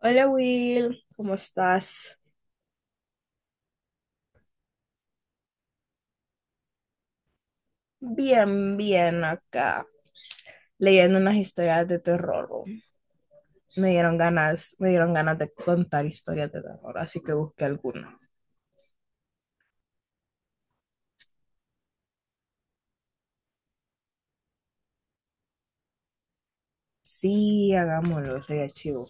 Hola Will, ¿cómo estás? Bien, bien acá, leyendo unas historias de terror. Me dieron ganas de contar historias de terror, así que busqué algunas. Sí, hagámoslo, sería chivo.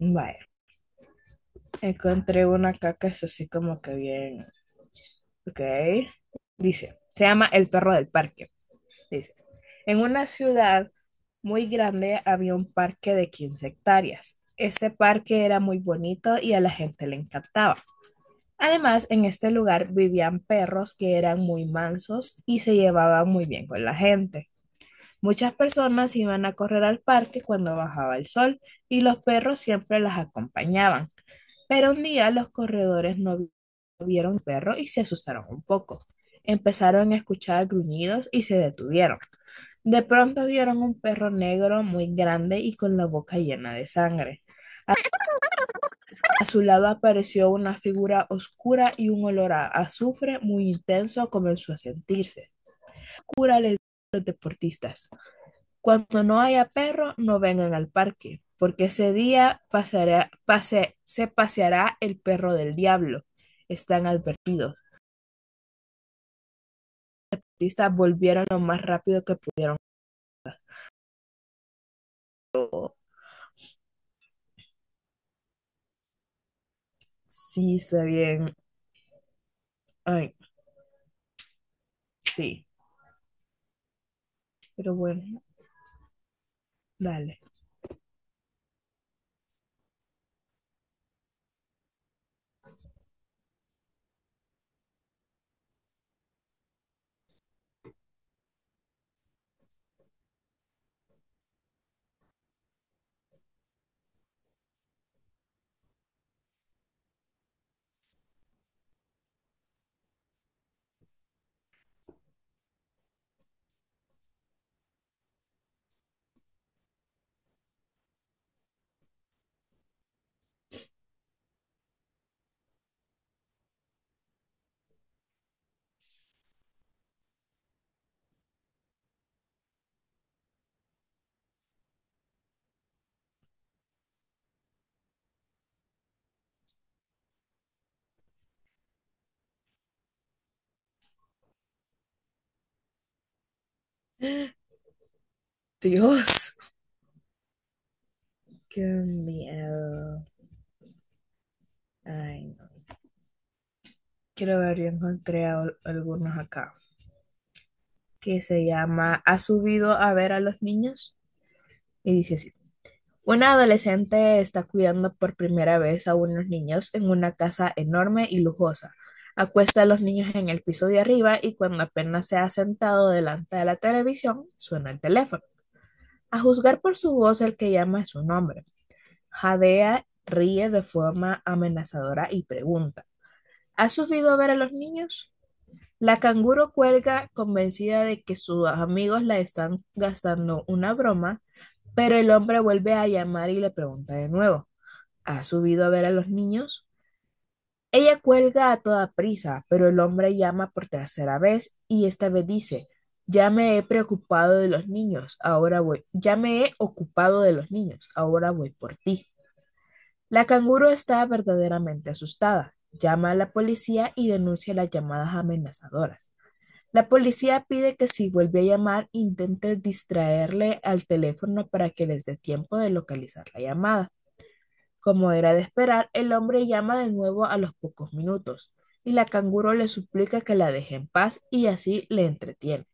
Vaya, encontré una acá que es así como que bien, ok. Dice, se llama El perro del parque. Dice, en una ciudad muy grande había un parque de 15 hectáreas. Este parque era muy bonito y a la gente le encantaba. Además, en este lugar vivían perros que eran muy mansos y se llevaban muy bien con la gente. Muchas personas iban a correr al parque cuando bajaba el sol y los perros siempre las acompañaban. Pero un día los corredores no vieron al perro y se asustaron un poco. Empezaron a escuchar gruñidos y se detuvieron. De pronto vieron un perro negro muy grande y con la boca llena de sangre. A su lado apareció una figura oscura y un olor a azufre muy intenso comenzó a sentirse. Cura les dijo a los deportistas, cuando no haya perro, no vengan al parque, porque ese día se paseará el perro del diablo. Están advertidos. Los deportistas volvieron lo más rápido que pudieron. Sí, está bien. Ay, sí. Pero bueno, dale. Dios. Qué miedo. Ay, no. Quiero ver, yo encontré algunos acá, que se llama ¿Ha subido a ver a los niños? Y dice así. Una adolescente está cuidando por primera vez a unos niños en una casa enorme y lujosa. Acuesta a los niños en el piso de arriba y cuando apenas se ha sentado delante de la televisión, suena el teléfono. A juzgar por su voz, el que llama es un hombre. Jadea ríe de forma amenazadora y pregunta, ¿has subido a ver a los niños? La canguro cuelga convencida de que sus amigos la están gastando una broma, pero el hombre vuelve a llamar y le pregunta de nuevo, ¿has subido a ver a los niños? Ella cuelga a toda prisa, pero el hombre llama por tercera vez y esta vez dice, ya me he preocupado de los niños, ahora voy, ya me he ocupado de los niños, ahora voy por ti. La canguro está verdaderamente asustada, llama a la policía y denuncia las llamadas amenazadoras. La policía pide que si vuelve a llamar, intente distraerle al teléfono para que les dé tiempo de localizar la llamada. Como era de esperar, el hombre llama de nuevo a los pocos minutos y la canguro le suplica que la deje en paz y así le entretiene.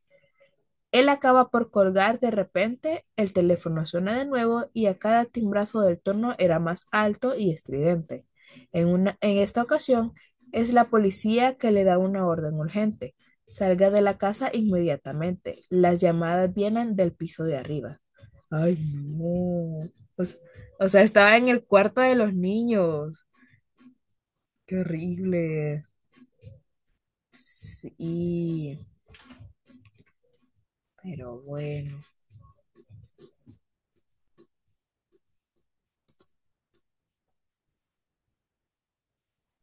Él acaba por colgar de repente, el teléfono suena de nuevo y a cada timbrazo del tono era más alto y estridente. En esta ocasión es la policía que le da una orden urgente. Salga de la casa inmediatamente. Las llamadas vienen del piso de arriba. Ay, no. O, o sea, estaba en el cuarto de los niños. Qué horrible. Sí, pero bueno.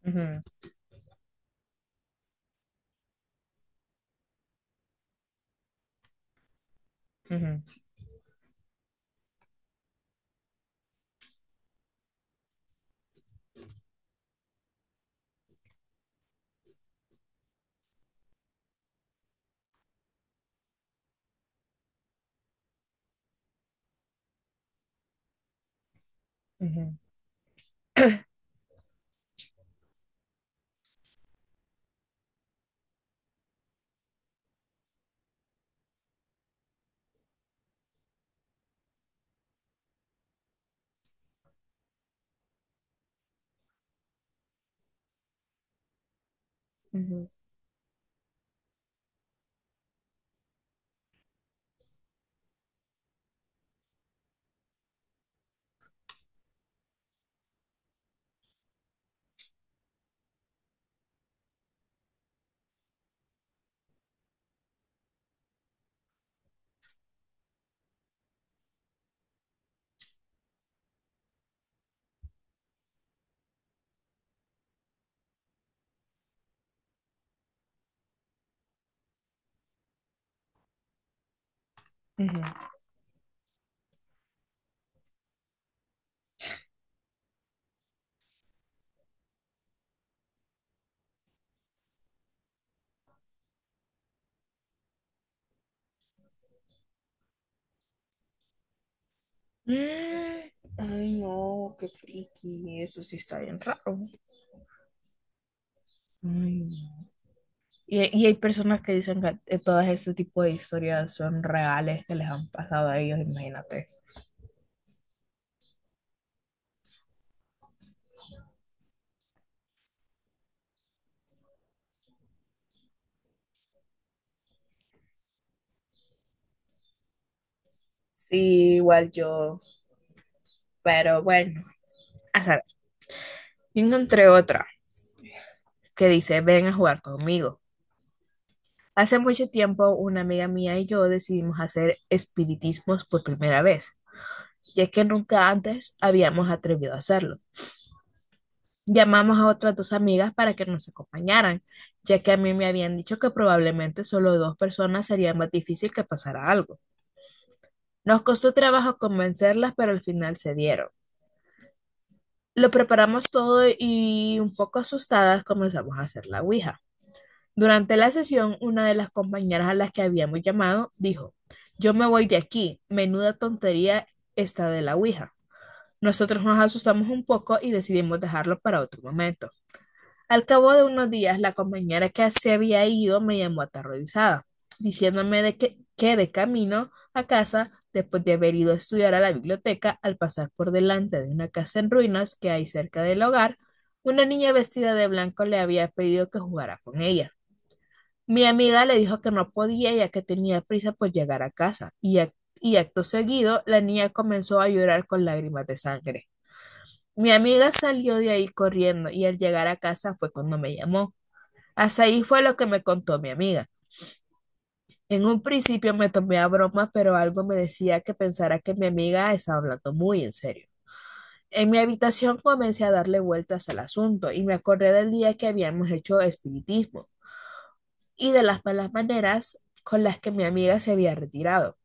Ujú, ujú, ujú, ujú, ujú. Mm, ay, no, qué friki, eso sí está bien raro. Ay, no. Y hay personas que dicen que todas este tipo de historias son reales que les han pasado a ellos, imagínate. Sí, igual yo, pero bueno, a saber, yo encontré otra que dice, ven a jugar conmigo. Hace mucho tiempo una amiga mía y yo decidimos hacer espiritismos por primera vez, ya que nunca antes habíamos atrevido a hacerlo. Llamamos a otras dos amigas para que nos acompañaran, ya que a mí me habían dicho que probablemente solo dos personas sería más difícil que pasara algo. Nos costó trabajo convencerlas, pero al final se dieron. Lo preparamos todo y un poco asustadas comenzamos a hacer la ouija. Durante la sesión, una de las compañeras a las que habíamos llamado dijo, yo me voy de aquí, menuda tontería esta de la ouija. Nosotros nos asustamos un poco y decidimos dejarlo para otro momento. Al cabo de unos días, la compañera que se había ido me llamó aterrorizada, diciéndome de que de camino a casa, después de haber ido a estudiar a la biblioteca, al pasar por delante de una casa en ruinas que hay cerca del hogar, una niña vestida de blanco le había pedido que jugara con ella. Mi amiga le dijo que no podía ya que tenía prisa por llegar a casa, y acto seguido la niña comenzó a llorar con lágrimas de sangre. Mi amiga salió de ahí corriendo y al llegar a casa fue cuando me llamó. Hasta ahí fue lo que me contó mi amiga. En un principio me tomé a broma, pero algo me decía que pensara que mi amiga estaba hablando muy en serio. En mi habitación comencé a darle vueltas al asunto y me acordé del día que habíamos hecho espiritismo y de las malas maneras con las que mi amiga se había retirado.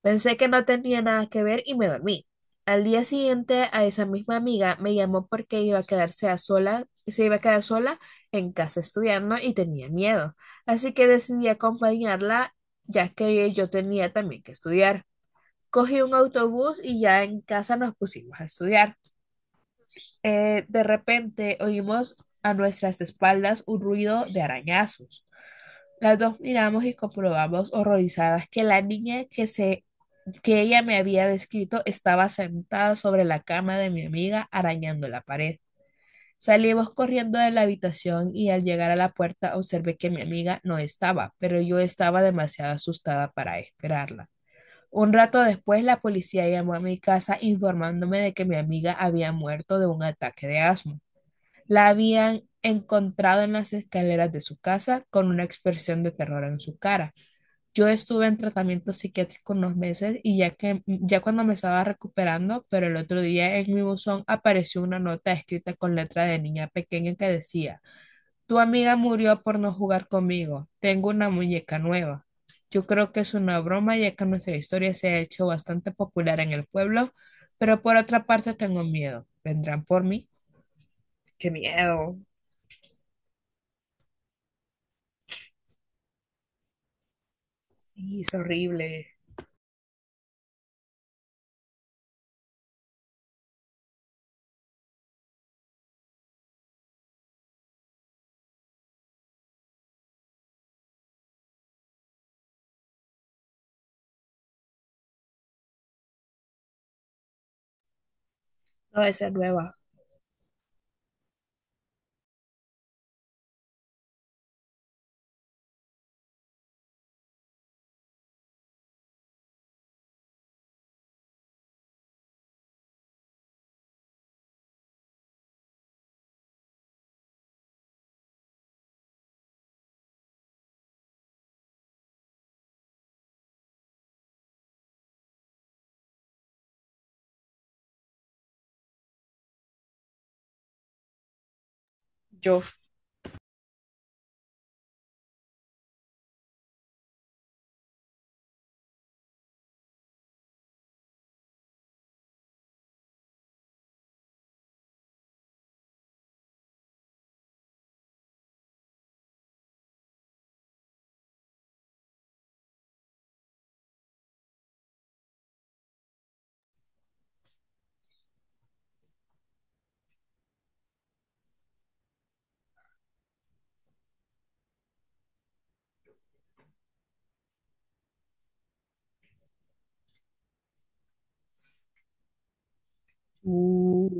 Pensé que no tenía nada que ver y me dormí. Al día siguiente, a esa misma amiga me llamó porque iba a quedarse a sola, se iba a quedar sola en casa estudiando y tenía miedo. Así que decidí acompañarla, ya que yo tenía también que estudiar. Cogí un autobús y ya en casa nos pusimos a estudiar. De repente oímos a nuestras espaldas un ruido de arañazos. Las dos miramos y comprobamos horrorizadas que la niña que ella me había descrito estaba sentada sobre la cama de mi amiga arañando la pared. Salimos corriendo de la habitación y al llegar a la puerta observé que mi amiga no estaba, pero yo estaba demasiado asustada para esperarla. Un rato después, la policía llamó a mi casa informándome de que mi amiga había muerto de un ataque de asma. La habían encontrado en las escaleras de su casa con una expresión de terror en su cara. Yo estuve en tratamiento psiquiátrico unos meses y ya cuando me estaba recuperando, pero el otro día en mi buzón apareció una nota escrita con letra de niña pequeña que decía, tu amiga murió por no jugar conmigo. Tengo una muñeca nueva. Yo creo que es una broma ya que nuestra historia se ha hecho bastante popular en el pueblo, pero por otra parte tengo miedo. ¿Vendrán por mí? Qué miedo. Sí, es horrible. No, esa es nueva. Yo. Uh,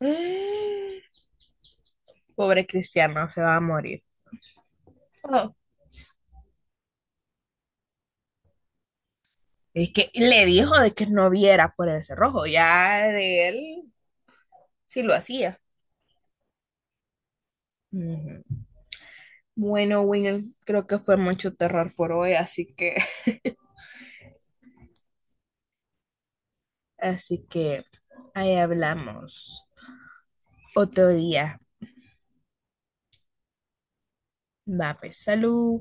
ay. Pobre Cristiano, se va a morir. Oh. Es que le dijo de que no viera por el cerrojo, ya de él sí lo hacía. Ujú. Bueno, Winnie, creo que fue mucho terror por hoy, así que, así que ahí hablamos otro día. Va, pues, salud.